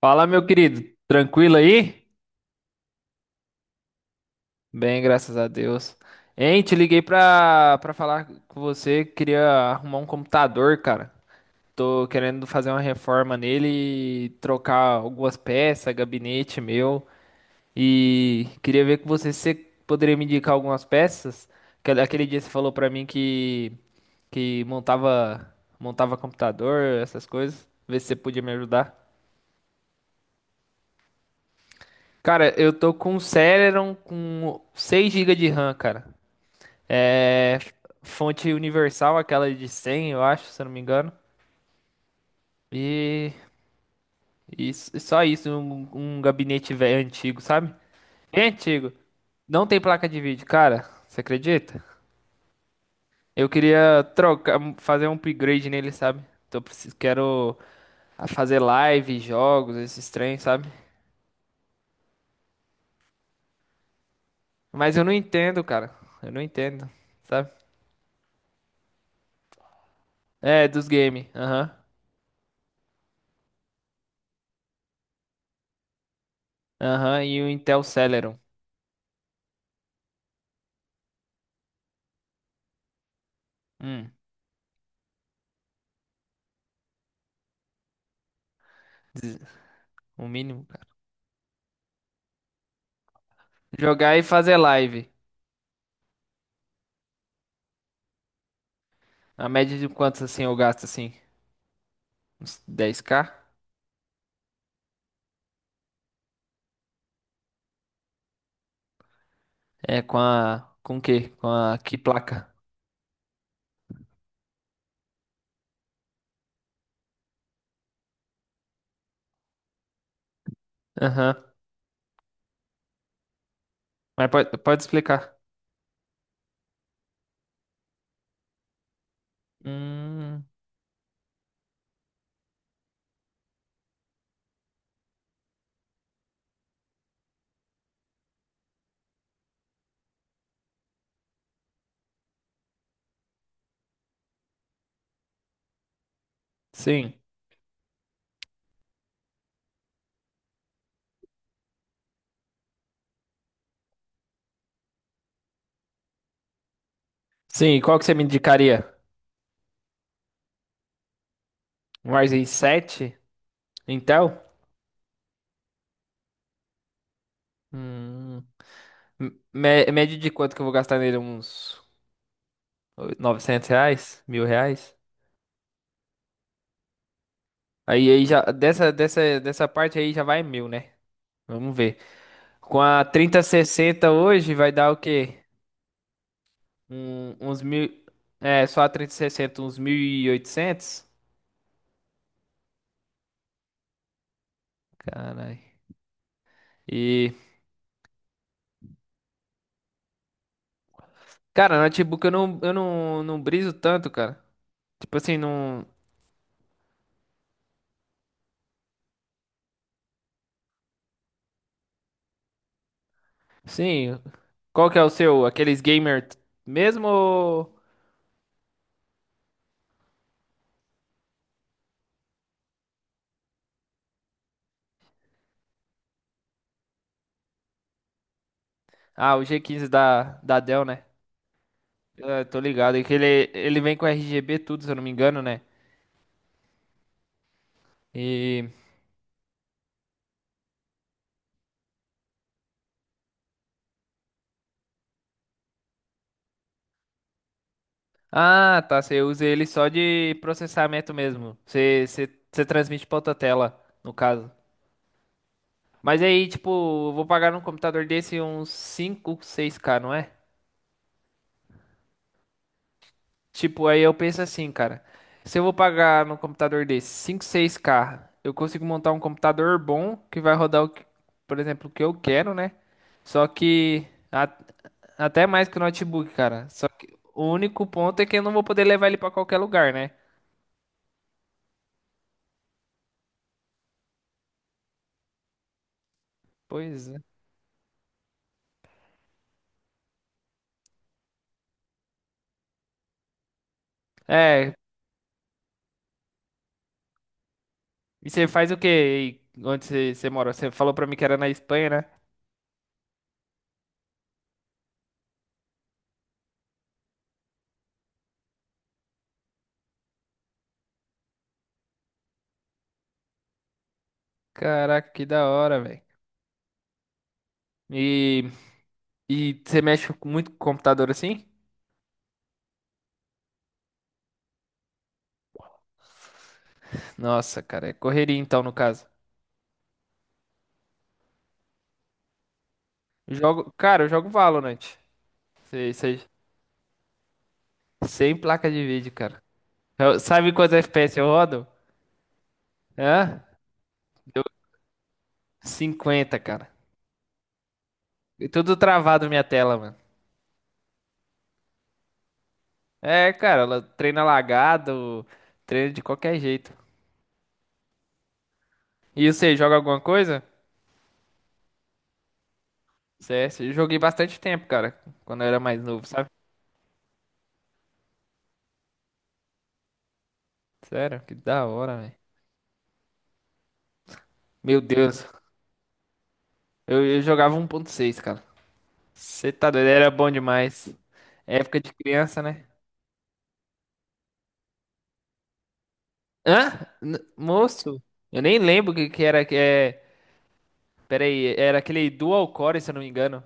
Fala, meu querido, tranquilo aí? Bem, graças a Deus. Hein, te liguei pra falar com você, queria arrumar um computador, cara. Tô querendo fazer uma reforma nele e trocar algumas peças, gabinete meu. E queria ver com você se você poderia me indicar algumas peças. Que Aquele dia você falou pra mim que montava computador, essas coisas. Ver se você podia me ajudar. Cara, eu tô com um Celeron com 6 GB de RAM, cara. É fonte universal, aquela de 100, eu acho, se eu não me engano. E, e só isso, um gabinete velho antigo, sabe? Bem antigo. Não tem placa de vídeo, cara. Você acredita? Eu queria trocar, fazer um upgrade nele, sabe? Então eu preciso, quero fazer live, jogos, esses trem, sabe? Mas eu não entendo, cara. Eu não entendo, sabe? É, dos games. Aham. Aham. E o Intel Celeron. Hum. diz- O mínimo, cara. Jogar e fazer live. A média de quantos assim eu gasto assim? Uns 10K. É com a. Com o quê? Com a que placa? Aham. Mas pode explicar. Hum, sim. Sim, e qual que você me indicaria? Um Ryzen 7, Intel? Hum, mé- média de quanto que eu vou gastar nele? Uns 900 reais? 1.000 reais? Aí já, dessa parte aí já vai mil, né? Vamos ver. Com a 3060 hoje vai dar o quê? Um- uns mil. É, só a 360 uns 1.800. Caralho. E. Cara, notebook eu não, não briso tanto, cara. Tipo assim, não. Sim. Qual que é o seu? Aqueles gamer mesmo ou. Ah, o G15 da Dell, né? Eu tô ligado. É que ele vem com RGB tudo, se eu não me engano, né? E. Ah, tá. Você usa ele só de processamento mesmo. Você transmite pra outra tela, no caso. Mas aí, tipo, eu vou pagar num computador desse uns 5-6K, não é? Tipo, aí eu penso assim, cara. Se eu vou pagar num computador desse 5-6K eu consigo montar um computador bom que vai rodar, por exemplo, o que eu quero, né? Só que a- até mais que o notebook, cara. Só que o único ponto é que eu não vou poder levar ele pra qualquer lugar, né? Pois é. É, e você faz o quê? Aí, onde você mora? Você falou pra mim que era na Espanha, né? Caraca, que da hora, velho. E E você mexe muito com computador assim? Nossa, cara, é correria então no caso. Eu jogo, cara, eu jogo Valorant. Sei, sei, sem placa de vídeo, cara. Eu- sabe quantos FPS eu rodo? Hã? Deu 50, cara. E tudo travado minha tela, mano. É, cara, ela treina lagado, treina de qualquer jeito. E você joga alguma coisa? CS, eu joguei bastante tempo, cara, quando eu era mais novo, sabe? Sério, que da hora, velho. Meu Deus, eu jogava 1.6, cara. Você tá doido, era bom demais. Época de criança, né? Hã? N-, moço, eu nem lembro o que, que era que é. Pera aí, era aquele dual core, se eu não me engano.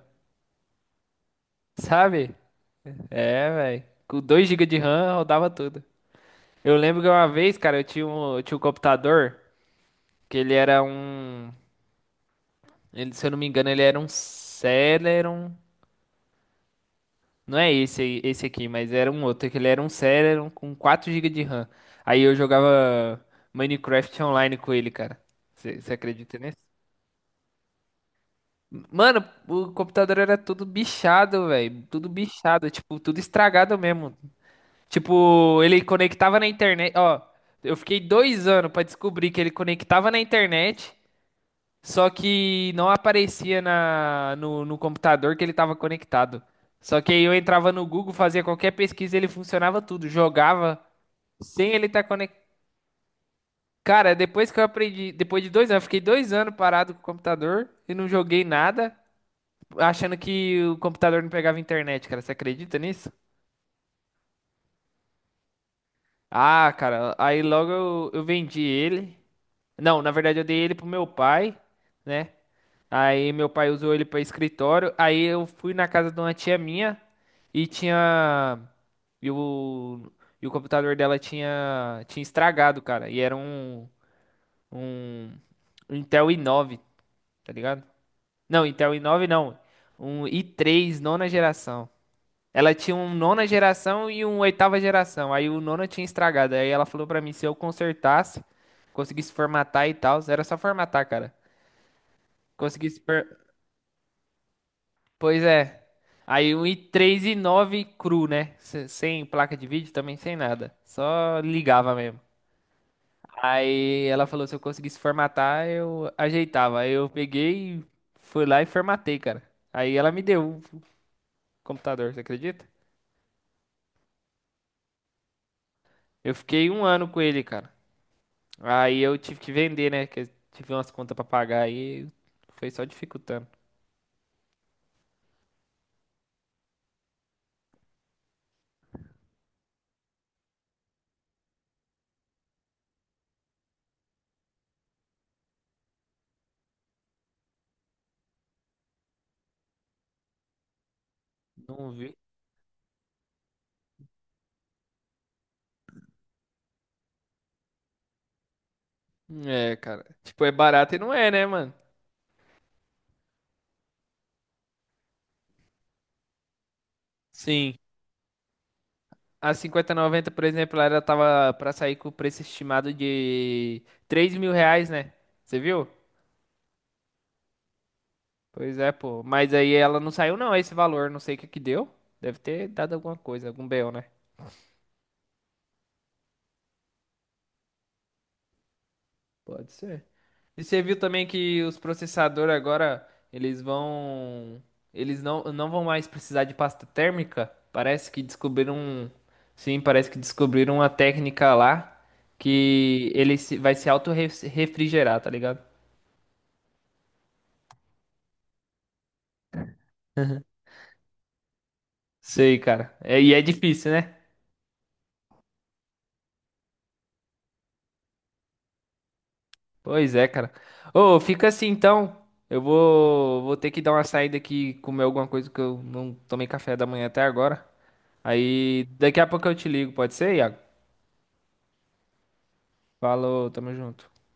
Sabe? É, velho. Com 2 gigas de RAM rodava tudo. Eu lembro que uma vez, cara, eu tinha um computador que ele era um. Ele- se eu não me engano, ele era um Celeron. Não é esse aí, esse aqui, mas era um outro, que ele era um Celeron com 4 gigas de RAM. Aí eu jogava Minecraft online com ele, cara. Você acredita nisso? Mano, o computador era tudo bichado, velho. Tudo bichado, tipo, tudo estragado mesmo. Tipo, ele conectava na internet. Ó, eu fiquei 2 anos pra descobrir que ele conectava na internet. Só que não aparecia na, no, no computador que ele estava conectado. Só que aí eu entrava no Google, fazia qualquer pesquisa, ele funcionava tudo. Jogava sem ele estar conectado. Cara, depois que eu aprendi, depois de 2 anos, eu fiquei dois anos parado com o computador e não joguei nada, achando que o computador não pegava internet, cara. Você acredita nisso? Ah, cara, aí logo eu vendi ele. Não, na verdade eu dei ele pro meu pai, né? Aí meu pai usou ele pra escritório. Aí eu fui na casa de uma tia minha e tinha e o, e o computador dela tinha estragado, cara. E era um Intel i9, tá ligado? Não, Intel i9 não. Um i3 nona geração. Ela tinha um nona geração e um oitava geração. Aí o nono tinha estragado. Aí ela falou pra mim se eu consertasse, conseguisse formatar e tal. Era só formatar, cara. Conseguisse. Pois é. Aí um i3 e 9 cru, né? Sem placa de vídeo também, sem nada. Só ligava mesmo. Aí ela falou se eu conseguisse formatar, eu ajeitava. Aí eu peguei, e fui lá e formatei, cara. Aí ela me deu o computador, você acredita? Eu fiquei um ano com ele, cara. Aí eu tive que vender, né? Que eu tive umas contas pra pagar aí. Foi só dificultando. Não vi. É, cara. Tipo, é barato e não é, né, mano? Sim. A 5090 por exemplo, ela tava pra sair com o preço estimado de 3.000 reais, né? Você viu? Pois é, pô. Mas aí ela não saiu, não, esse valor. Não sei o que que deu. Deve ter dado alguma coisa, algum BO, né? Pode ser. E você viu também que os processadores agora, eles vão, eles não vão mais precisar de pasta térmica? Parece que descobriram, sim, parece que descobriram uma técnica lá que ele vai se auto-refrigerar, tá ligado? Sei, cara. É, e é difícil, né? Pois é, cara. Ô, fica assim então. Eu vou ter que dar uma saída aqui, comer alguma coisa que eu não tomei café da manhã até agora. Aí daqui a pouco eu te ligo, pode ser, Iago? Falou, tamo junto.